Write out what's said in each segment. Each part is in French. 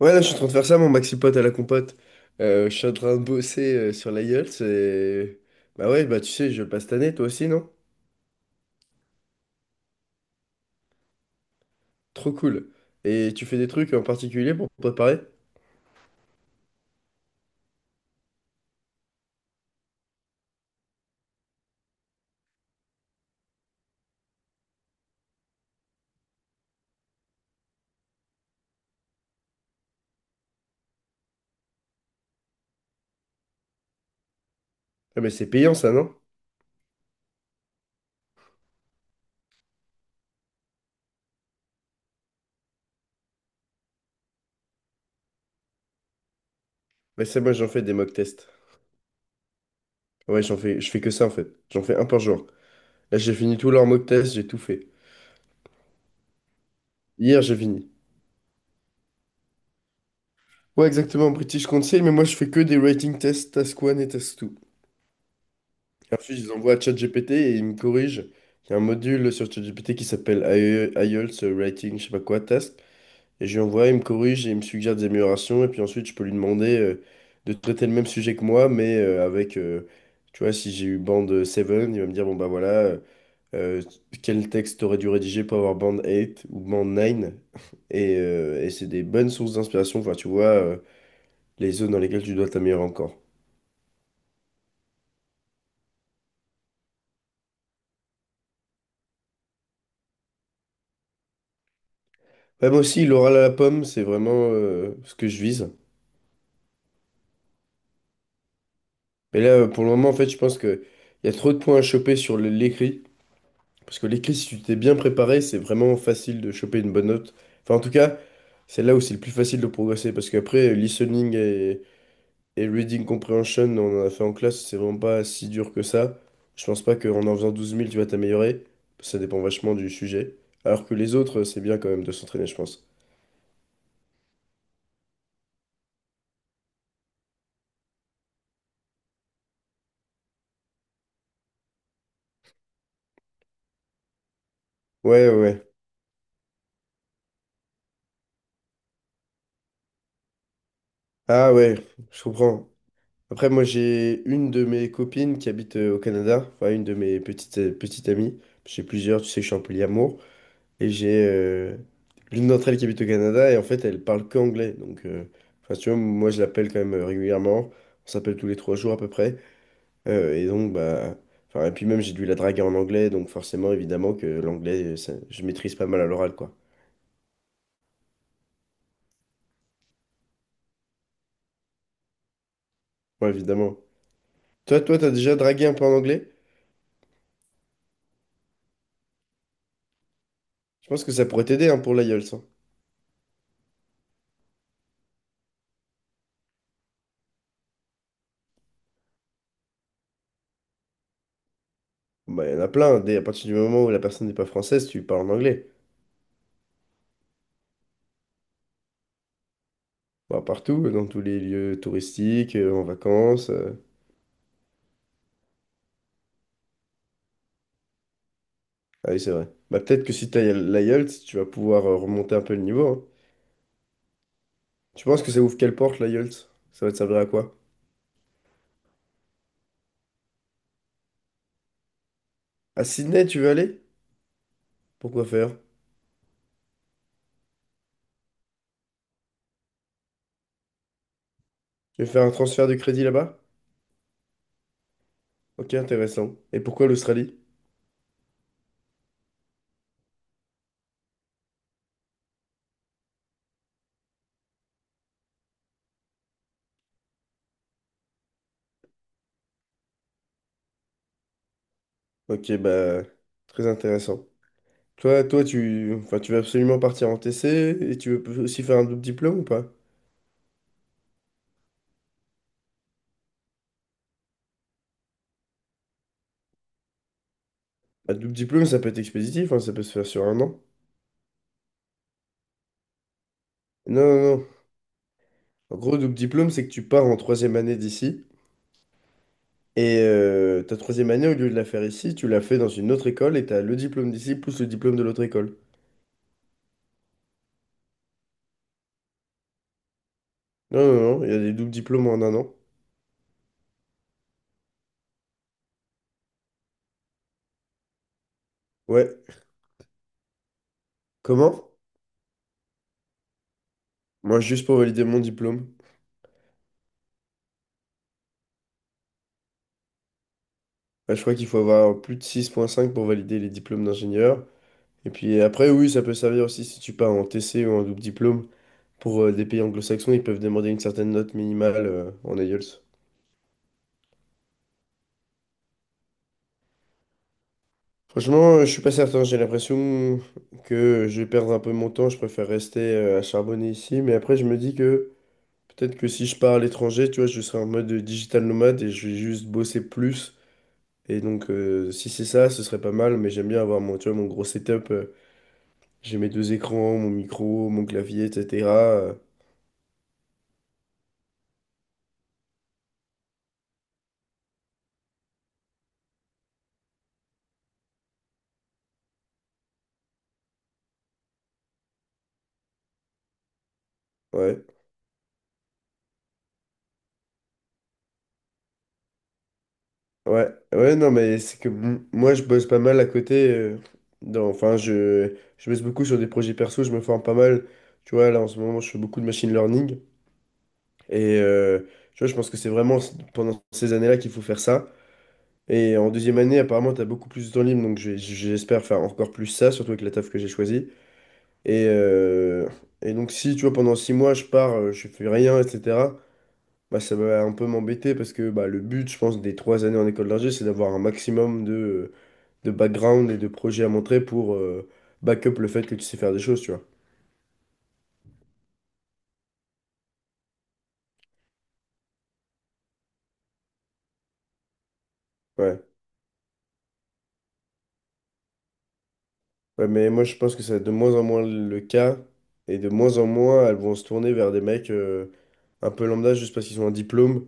Ouais, là, je suis en train de faire ça, mon maxi pote à la compote. Je suis en train de bosser sur l'IELTS et... Bah ouais, bah tu sais, je le passe cette année, toi aussi, non? Trop cool. Et tu fais des trucs en particulier pour te préparer? Ah, mais c'est payant, ça, non? Mais ça, moi, j'en fais des mock tests. Ouais, j'en fais... je fais que ça, en fait. J'en fais un par jour. Là, j'ai fini tous leurs mock tests, j'ai tout fait. Hier, j'ai fini. Ouais, exactement, British Council, mais moi, je fais que des writing tests, task 1 et task 2. Et ensuite, je les envoie à ChatGPT et il me corrige. Il y a un module sur ChatGPT qui s'appelle IELTS Writing, je sais pas quoi, test. Et je lui envoie, il me corrige et il me suggère des améliorations. Et puis ensuite, je peux lui demander de traiter le même sujet que moi, mais avec, tu vois, si j'ai eu bande 7, il va me dire, bon bah voilà, euh, quel texte t'aurais dû rédiger pour avoir bande 8 ou bande 9? Et c'est des bonnes sources d'inspiration. Enfin, tu vois, les zones dans lesquelles tu dois t'améliorer encore. Ouais, moi aussi, l'oral à la pomme, c'est vraiment ce que je vise. Mais là, pour le moment, en fait, je pense que il y a trop de points à choper sur l'écrit. Parce que l'écrit, si tu t'es bien préparé, c'est vraiment facile de choper une bonne note. Enfin, en tout cas, c'est là où c'est le plus facile de progresser. Parce qu'après, listening et reading comprehension, on en a fait en classe, c'est vraiment pas si dur que ça. Je pense pas qu'en en faisant douze 000, tu vas t'améliorer. Ça dépend vachement du sujet. Alors que les autres, c'est bien quand même de s'entraîner, je pense. Ouais, ouais, ouais. Ah ouais, je comprends. Après, moi, j'ai une de mes copines qui habite au Canada, enfin, une de mes petites amies. J'ai plusieurs, tu sais que je suis un polyamour. Et j'ai l'une d'entre elles qui habite au Canada, et en fait, elle parle qu'anglais. Donc, enfin, si tu vois, moi, je l'appelle quand même régulièrement. On s'appelle tous les 3 jours à peu près. Et donc, bah, enfin, et puis même, j'ai dû la draguer en anglais, donc forcément, évidemment, que l'anglais, je maîtrise pas mal à l'oral, quoi. Ouais, évidemment. Toi, toi, t'as déjà dragué un peu en anglais? Je pense que ça pourrait t'aider, hein, pour l'aïeul. Bah, il y en a plein. Dès à partir du moment où la personne n'est pas française, tu parles en anglais. Bah, partout, dans tous les lieux touristiques, en vacances. Ah oui, c'est vrai. Bah, peut-être que si t'as l'IELTS, tu vas pouvoir remonter un peu le niveau, hein. Tu penses que ça ouvre quelle porte, l'IELTS? Ça va te servir à quoi? À Sydney, tu veux aller? Pourquoi faire? Tu veux faire un transfert de crédit là-bas? Ok, intéressant. Et pourquoi l'Australie? Ok, bah, très intéressant. Toi, toi, tu, enfin, tu veux absolument partir en TC et tu veux aussi faire un double diplôme ou pas? Un double diplôme, ça peut être expéditif, hein, ça peut se faire sur un an. Non, non, non. En gros, double diplôme, c'est que tu pars en troisième année d'ici. Et ta troisième année, au lieu de la faire ici, tu la fais dans une autre école et t'as le diplôme d'ici plus le diplôme de l'autre école. Non, non, non, il y a des doubles diplômes en un an. Ouais. Comment? Moi, juste pour valider mon diplôme. Bah, je crois qu'il faut avoir plus de 6,5 pour valider les diplômes d'ingénieur. Et puis après, oui, ça peut servir aussi si tu pars en TC ou en double diplôme. Pour des pays anglo-saxons, ils peuvent demander une certaine note minimale en IELTS. Franchement, je suis pas certain. J'ai l'impression que je vais perdre un peu mon temps. Je préfère rester à charbonner ici. Mais après, je me dis que peut-être que si je pars à l'étranger, tu vois, je serai en mode digital nomade et je vais juste bosser plus. Et donc, si c'est ça, ce serait pas mal. Mais j'aime bien avoir mon, tu vois, mon gros setup. J'ai mes deux écrans, mon micro, mon clavier, etc. Ouais. Ouais, ouais, non, mais c'est que moi, je bosse pas mal à côté. Dans, enfin, je bosse beaucoup sur des projets perso, je me forme pas mal. Tu vois, là, en ce moment, je fais beaucoup de machine learning. Et tu vois, je pense que c'est vraiment pendant ces années-là qu'il faut faire ça. Et en deuxième année, apparemment, tu as beaucoup plus de temps libre. Donc, j'espère faire encore plus ça, surtout avec la taf que j'ai choisie. Et, euh, et donc, si, tu vois, pendant 6 mois, je pars, je fais rien, etc. Bah, ça va un peu m'embêter parce que bah, le but, je pense, des 3 années en école d'ingé, c'est d'avoir un maximum de background et de projet à montrer pour back-up le fait que tu sais faire des choses, tu vois. Ouais. Ouais, mais moi je pense que c'est de moins en moins le cas et de moins en moins elles vont se tourner vers des mecs un peu lambda juste parce qu'ils ont un diplôme.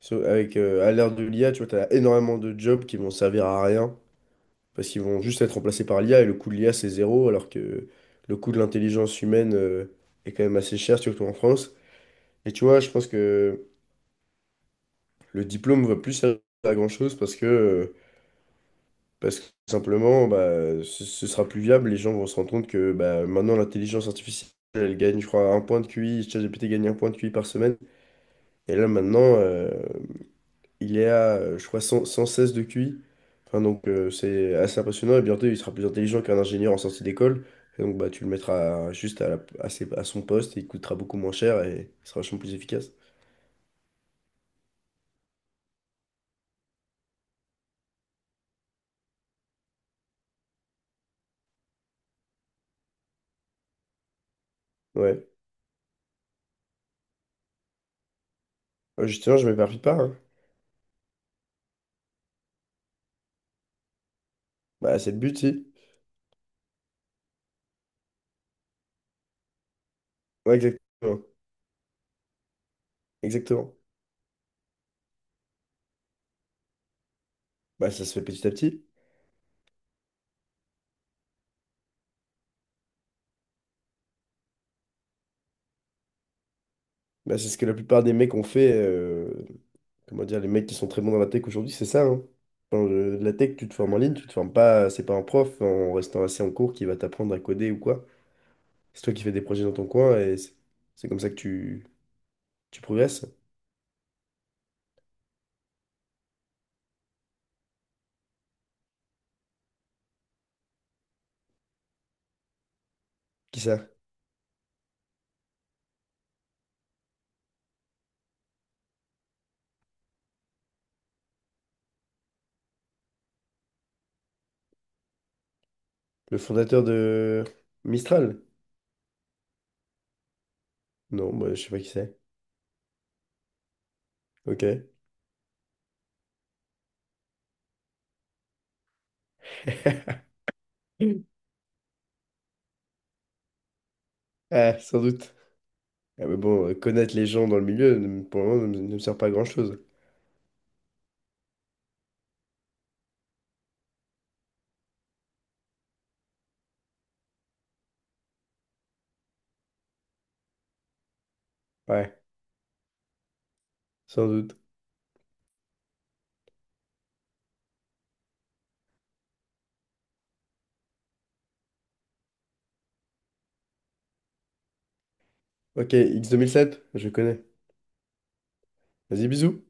Avec, à l'ère de l'IA, tu vois, t'as énormément de jobs qui vont servir à rien parce qu'ils vont juste être remplacés par l'IA et le coût de l'IA c'est zéro alors que le coût de l'intelligence humaine est quand même assez cher, surtout en France. Et tu vois, je pense que le diplôme va plus servir à grand-chose parce que tout simplement, bah, ce sera plus viable. Les gens vont se rendre compte que bah, maintenant, l'intelligence artificielle, elle gagne, je crois, un point de QI. ChatGPT gagne un point de QI par semaine. Et là, maintenant, il est à, je crois, cent seize de QI. Enfin, donc, c'est assez impressionnant. Et bientôt, il sera plus intelligent qu'un ingénieur en sortie d'école. Et donc, bah, tu le mettras juste à, la- à, ses- à son poste. Et il coûtera beaucoup moins cher et il sera vachement plus efficace. Ouais. Justement, je m'éparpille pas, hein. Bah, c'est le but, si. Ouais, exactement. Exactement. Bah, ça se fait petit à petit. Bah, c'est ce que la plupart des mecs ont fait. Comment dire, les mecs qui sont très bons dans la tech aujourd'hui, c'est ça, hein. Enfin, la tech, tu te formes en ligne, tu te formes pas, c'est pas un prof en restant assis en cours qui va t'apprendre à coder ou quoi. C'est toi qui fais des projets dans ton coin et c'est comme ça que tu progresses. Qui ça? Le fondateur de Mistral? Non, bah, je sais pas qui c'est. Ok. Ah, sans doute. Ah, mais bon, connaître les gens dans le milieu, pour le moment, ne me sert pas à grand-chose. Ouais, sans doute. Ok, X2007 je connais. Vas-y, bisous.